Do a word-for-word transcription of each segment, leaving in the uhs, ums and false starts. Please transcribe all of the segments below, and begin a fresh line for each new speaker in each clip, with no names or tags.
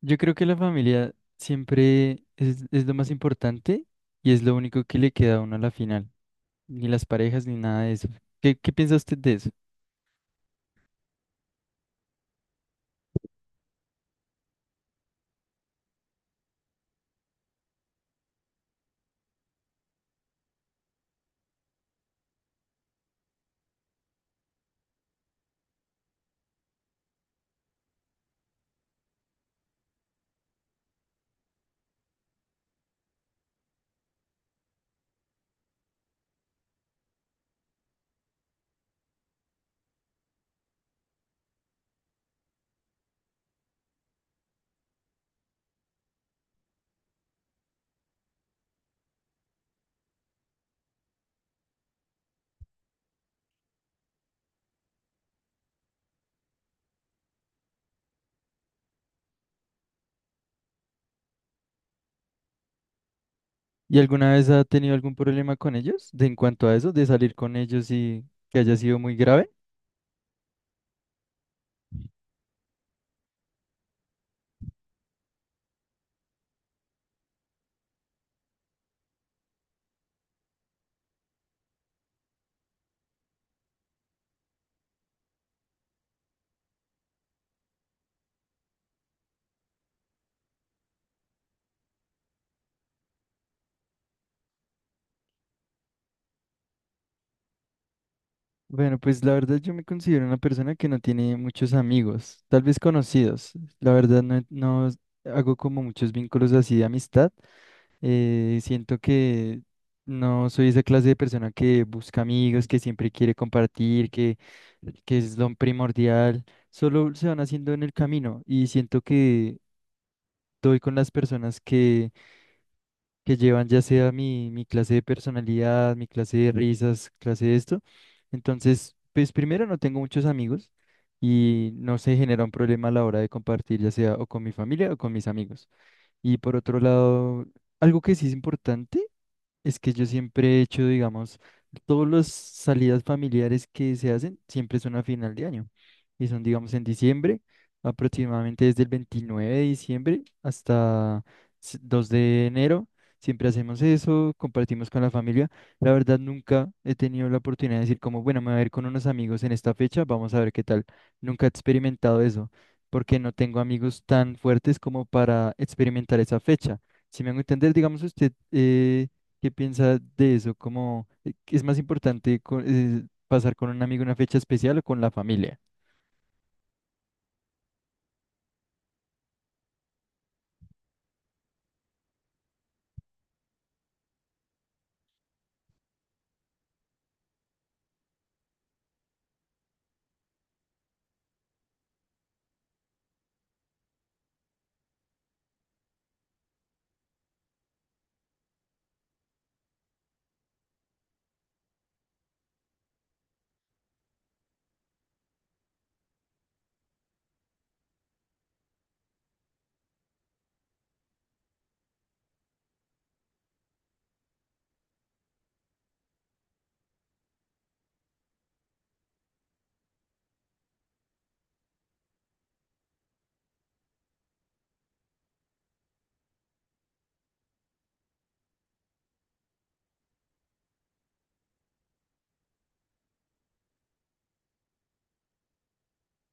Yo creo que la familia siempre es, es lo más importante y es lo único que le queda a uno a la final. Ni las parejas ni nada de eso. ¿Qué, qué piensa usted de eso? ¿Y alguna vez ha tenido algún problema con ellos de, en cuanto a eso, de salir con ellos y que haya sido muy grave? Bueno, pues la verdad yo me considero una persona que no tiene muchos amigos, tal vez conocidos. La verdad no, no hago como muchos vínculos así de amistad. Eh, siento que no soy esa clase de persona que busca amigos, que siempre quiere compartir, que, que es lo primordial. Solo se van haciendo en el camino y siento que doy con las personas que, que llevan ya sea mi, mi clase de personalidad, mi clase de risas, clase de esto. Entonces, pues primero no tengo muchos amigos y no se genera un problema a la hora de compartir, ya sea o con mi familia o con mis amigos. Y por otro lado, algo que sí es importante. Es que yo siempre he hecho, digamos, todas las salidas familiares que se hacen siempre son a final de año. Y son, digamos, en diciembre, aproximadamente desde el veintinueve de diciembre hasta s- dos de enero de enero. Siempre hacemos eso, compartimos con la familia. La verdad, nunca he tenido la oportunidad de decir como, bueno, me voy a ver con unos amigos en esta fecha, vamos a ver qué tal. Nunca he experimentado eso, porque no tengo amigos tan fuertes como para experimentar esa fecha. Si me hago entender, digamos, usted. eh, ¿Qué piensa de eso? ¿Cómo eh, qué es más importante co- eh, pasar con un amigo una fecha especial o con la familia?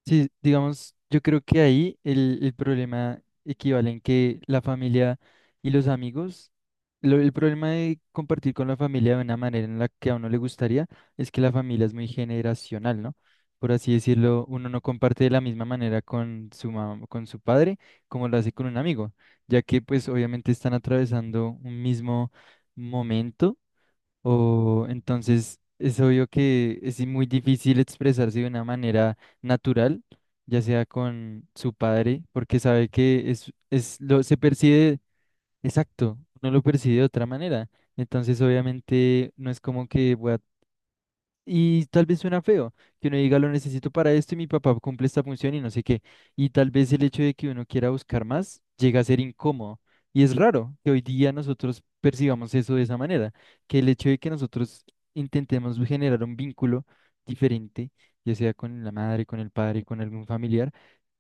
Sí, digamos, yo creo que ahí el, el problema equivale en que la familia y los amigos, lo- el problema de compartir con la familia de una manera en la que a uno le gustaría es que la familia es muy generacional, ¿no? Por así decirlo, uno no comparte de la misma manera con su mamá, con su padre, como lo hace con un amigo, ya que pues obviamente están atravesando un mismo momento o entonces es obvio que es muy difícil expresarse de una manera natural, ya sea con su padre, porque sabe que es, es lo se percibe exacto, no lo percibe de otra manera. Entonces, obviamente, no es como que voy a y tal vez suena feo, que uno diga lo necesito para esto y mi papá cumple esta función y no sé qué. Y tal vez el hecho de que uno quiera buscar más llega a ser incómodo. Y es raro que hoy día nosotros percibamos eso de esa manera, que el hecho de que nosotros intentemos generar un vínculo diferente, ya sea con la madre, con el padre, con algún familiar,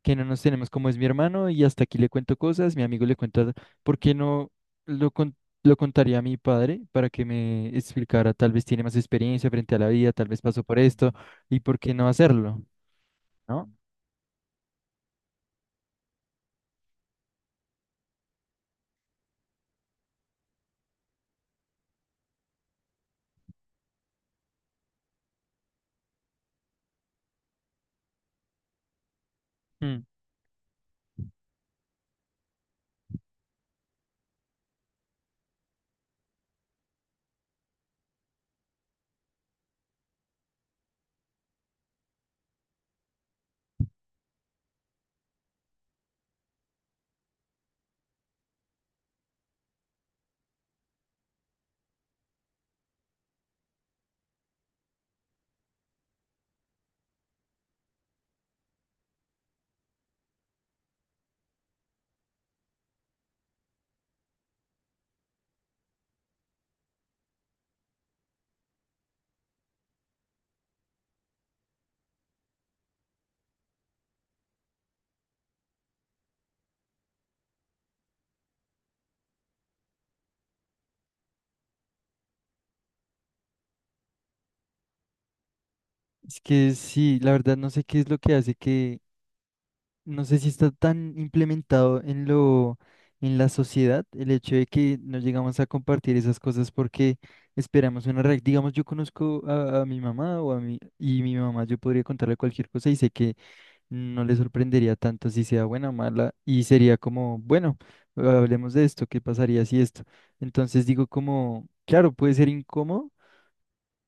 que no nos tenemos como es mi hermano y hasta aquí le cuento cosas, mi amigo le cuenta, ¿por qué no? lo, lo contaría a mi padre para que me explicara, tal vez tiene más experiencia frente a la vida, tal vez pasó por esto, y por qué no hacerlo, ¿no? Mm. Es que sí, la verdad no sé qué es lo que hace que, no sé si está tan implementado en lo, en la sociedad, el hecho de que no llegamos a compartir esas cosas porque esperamos una reacción. Digamos, yo conozco a, a mi mamá o a mi, y mi mamá yo podría contarle cualquier cosa y sé que no le sorprendería tanto si sea buena o mala y sería como, bueno, hablemos de esto, ¿qué pasaría si esto? Entonces digo como, claro, puede ser incómodo,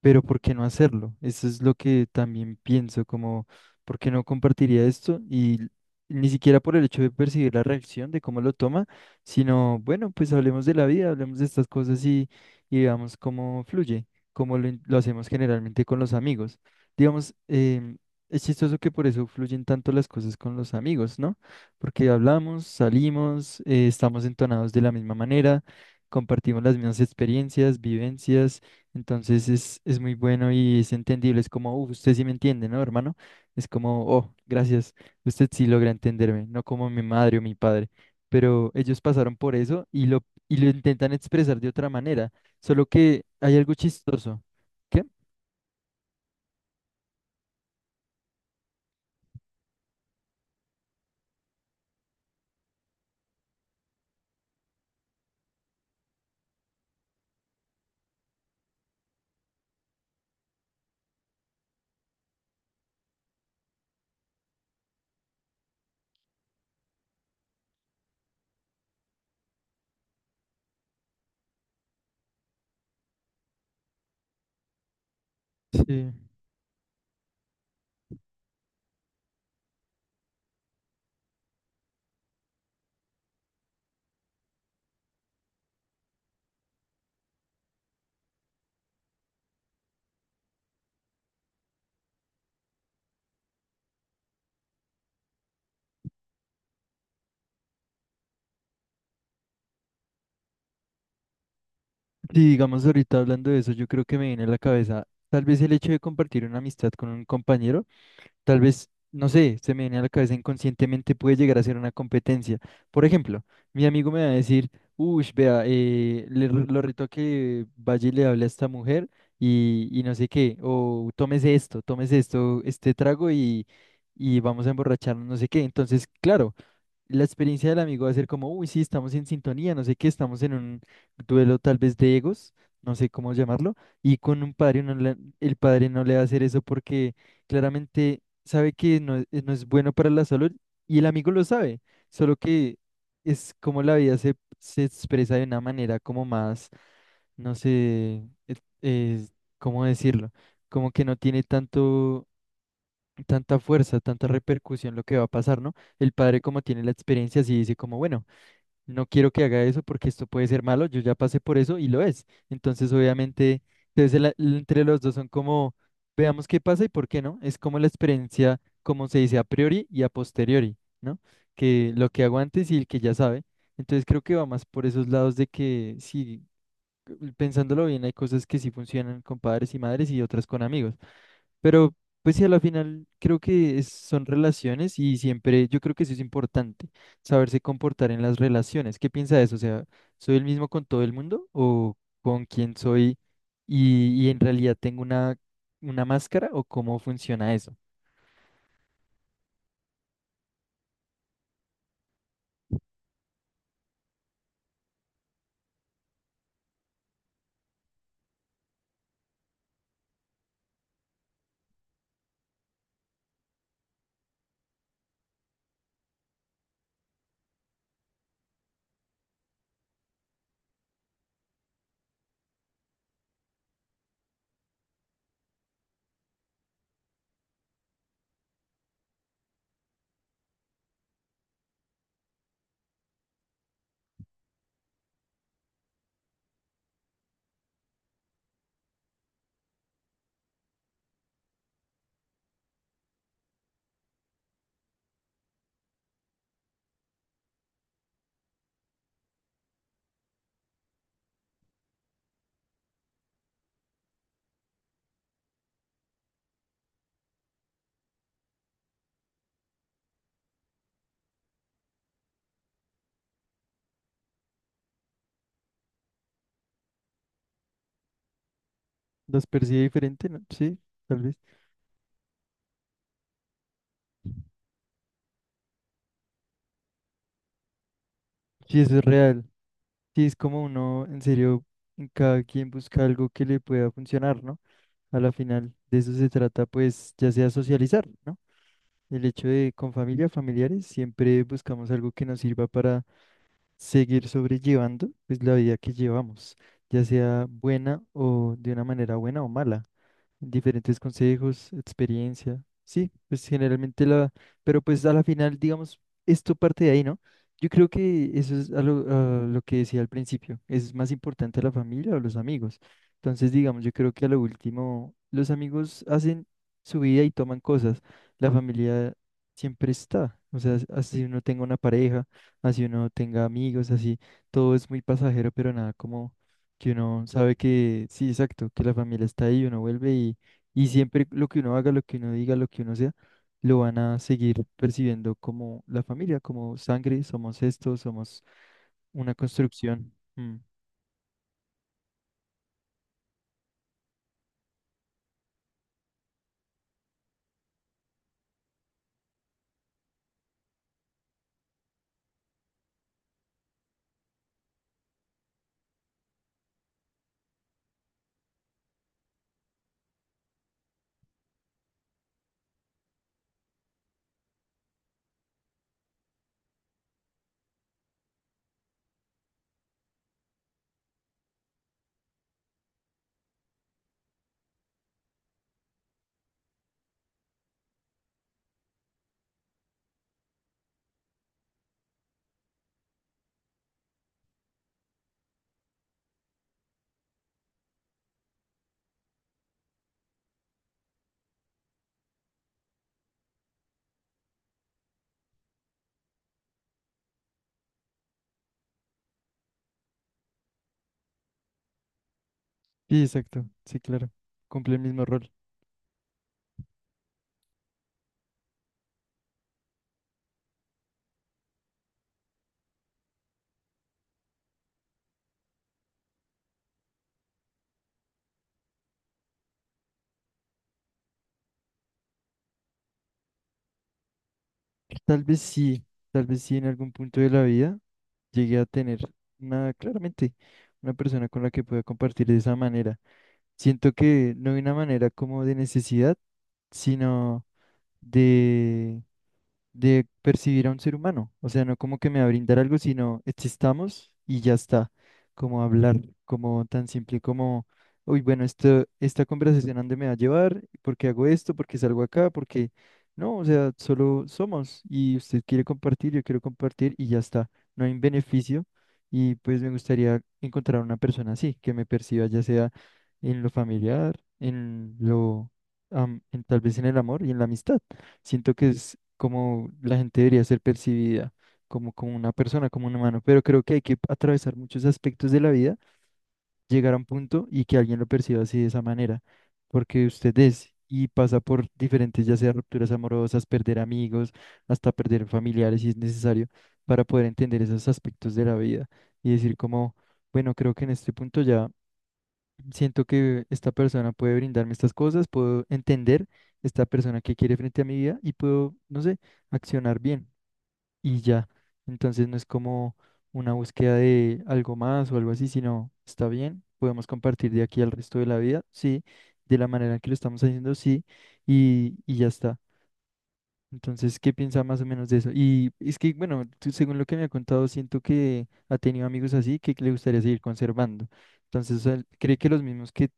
pero ¿por qué no hacerlo? Eso es lo que también pienso, como, ¿por qué no compartiría esto? Y ni siquiera por el hecho de percibir la reacción, de cómo lo toma, sino, bueno, pues hablemos de la vida, hablemos de estas cosas y, y veamos cómo fluye, como lo, in- lo hacemos generalmente con los amigos. Digamos, em, es chistoso que por eso fluyen tanto las cosas con los amigos, ¿no? Porque hablamos, salimos, eh, estamos entonados de la misma manera. Compartimos las mismas experiencias, vivencias, entonces es, es muy bueno y es entendible. Es como, "Uf, usted sí me entiende, ¿no, hermano?". Es como, oh, gracias, usted sí logra entenderme, no como mi madre o mi padre. Pero ellos pasaron por eso y lo, y lo intentan expresar de otra manera. Solo que hay algo chistoso. ¿Qué? Sí. Sí, digamos, ahorita hablando de eso, yo creo que me viene a la cabeza tal vez el hecho de compartir una amistad con un compañero. Tal vez, no sé, se me viene a la cabeza inconscientemente, puede llegar a ser una competencia. Por ejemplo, mi amigo me va a decir, uy, vea, eh, le r- lo reto a que vaya y le hable a esta mujer y, y no sé qué, o tómese esto, tómese esto, este trago y, y vamos a emborracharnos, no sé qué. Entonces, claro, la experiencia del amigo va a ser como, uy, sí, estamos en sintonía, no sé qué, estamos en un duelo tal vez de egos, no sé cómo llamarlo, y con un padre, no le- el padre no le va a hacer eso porque claramente sabe que no, es- no es bueno para la salud y el amigo lo sabe, solo que es como la vida se, se expresa de una manera como más, no sé, eh, eh, ¿cómo decirlo? Como que no tiene tanto tanta fuerza, tanta repercusión lo que va a pasar, ¿no? El padre como tiene la experiencia, sí dice como, bueno, no quiero que haga eso porque esto puede ser malo, yo ya pasé por eso y lo es. Entonces, obviamente, entonces el- el- entre los dos son como, veamos qué pasa y por qué no. Es como la experiencia, como se dice a priori y a posteriori, ¿no? Que lo que hago antes y el que ya sabe. Entonces creo que va más por esos lados de que sí, pensándolo bien, hay cosas que sí funcionan con padres y madres y otras con amigos. Pero pues sí, a la final creo que es- son relaciones y siempre yo creo que eso es importante, saberse comportar en las relaciones. ¿Qué piensa de eso? O sea, ¿soy el mismo con todo el mundo o con quién soy y, y en realidad tengo una, una máscara o cómo funciona eso? ¿Los percibe diferente? ¿No? Sí, tal vez. Sí, eso es real. Sí, es como uno, en serio, en cada quien busca algo que le pueda funcionar, ¿no? A la final de eso se trata, pues, ya sea socializar, ¿no? El hecho de con familia, familiares, siempre buscamos algo que nos sirva para seguir sobrellevando pues la vida que llevamos, ya sea buena o de una manera buena o mala diferentes consejos, experiencia. Sí, pues generalmente la, pero pues a la final, digamos, esto parte de ahí, ¿no? Yo creo que eso es a lo, a lo que decía al principio, es más importante la familia o los amigos. Entonces, digamos, yo creo que a lo último, los amigos hacen su vida y toman cosas, la familia siempre está, o sea, así uno tenga una pareja, así uno tenga amigos, así, todo es muy pasajero, pero nada como que uno sabe que, sí, exacto, que la familia está ahí, uno vuelve y, y siempre lo que uno haga, lo que uno diga, lo que uno sea, lo van a seguir percibiendo como la familia, como sangre, somos esto, somos una construcción. Mm. Sí, exacto, sí, claro, cumple el mismo rol. Tal vez sí, tal vez sí en algún punto de la vida llegué a tener una, claramente, una persona con la que pueda compartir de esa manera. Siento que no de una manera como de necesidad, sino de de percibir a un ser humano. O sea, no como que me va a brindar algo, sino existamos y ya está. Como hablar, como tan simple como, uy, bueno, esto, esta conversación a dónde me va a llevar, por qué hago esto, por qué salgo acá, porque no, o sea, solo somos y usted quiere compartir, yo quiero compartir y ya está. No hay un beneficio y pues me gustaría encontrar una persona así, que me perciba ya sea en lo familiar, en lo, am- en, tal vez en el amor y en la amistad. Siento que es como la gente debería ser percibida, como, como una persona, como un humano, pero creo que hay que atravesar muchos aspectos de la vida, llegar a un punto y que alguien lo perciba así de esa manera, porque usted es y pasa por diferentes, ya sea rupturas amorosas, perder amigos, hasta perder familiares si es necesario, para poder entender esos aspectos de la vida y decir como, bueno, creo que en este punto ya siento que esta persona puede brindarme estas cosas, puedo entender esta persona que quiere frente a mi vida y puedo, no sé, accionar bien y ya. Entonces no es como una búsqueda de algo más o algo así, sino está bien, podemos compartir de aquí al resto de la vida, sí, de la manera que lo estamos haciendo, sí, y, y ya está. Entonces, ¿qué piensa más o menos de eso? Y es que, bueno, tú, según lo que me ha contado, siento que ha tenido amigos así que le gustaría seguir conservando. Entonces, o sea, él, ¿cree que los mismos que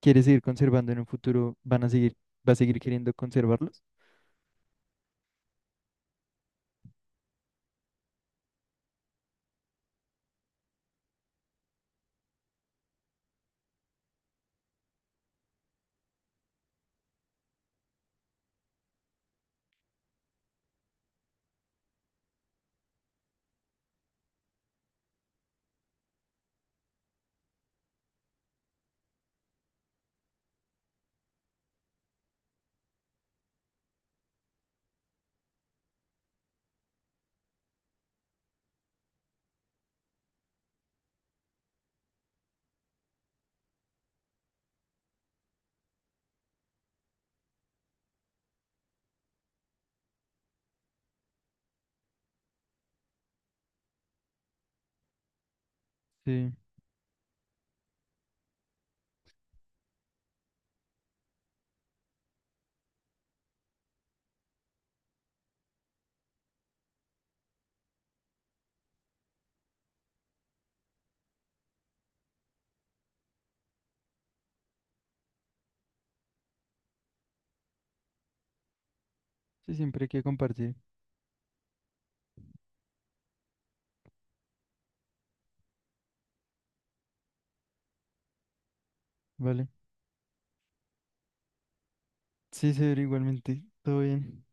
quiere seguir conservando en un futuro van a seguir, va a seguir queriendo conservarlos? Sí, sí, siempre hay que compartir, ¿vale? Sí, señor, igualmente, todo bien.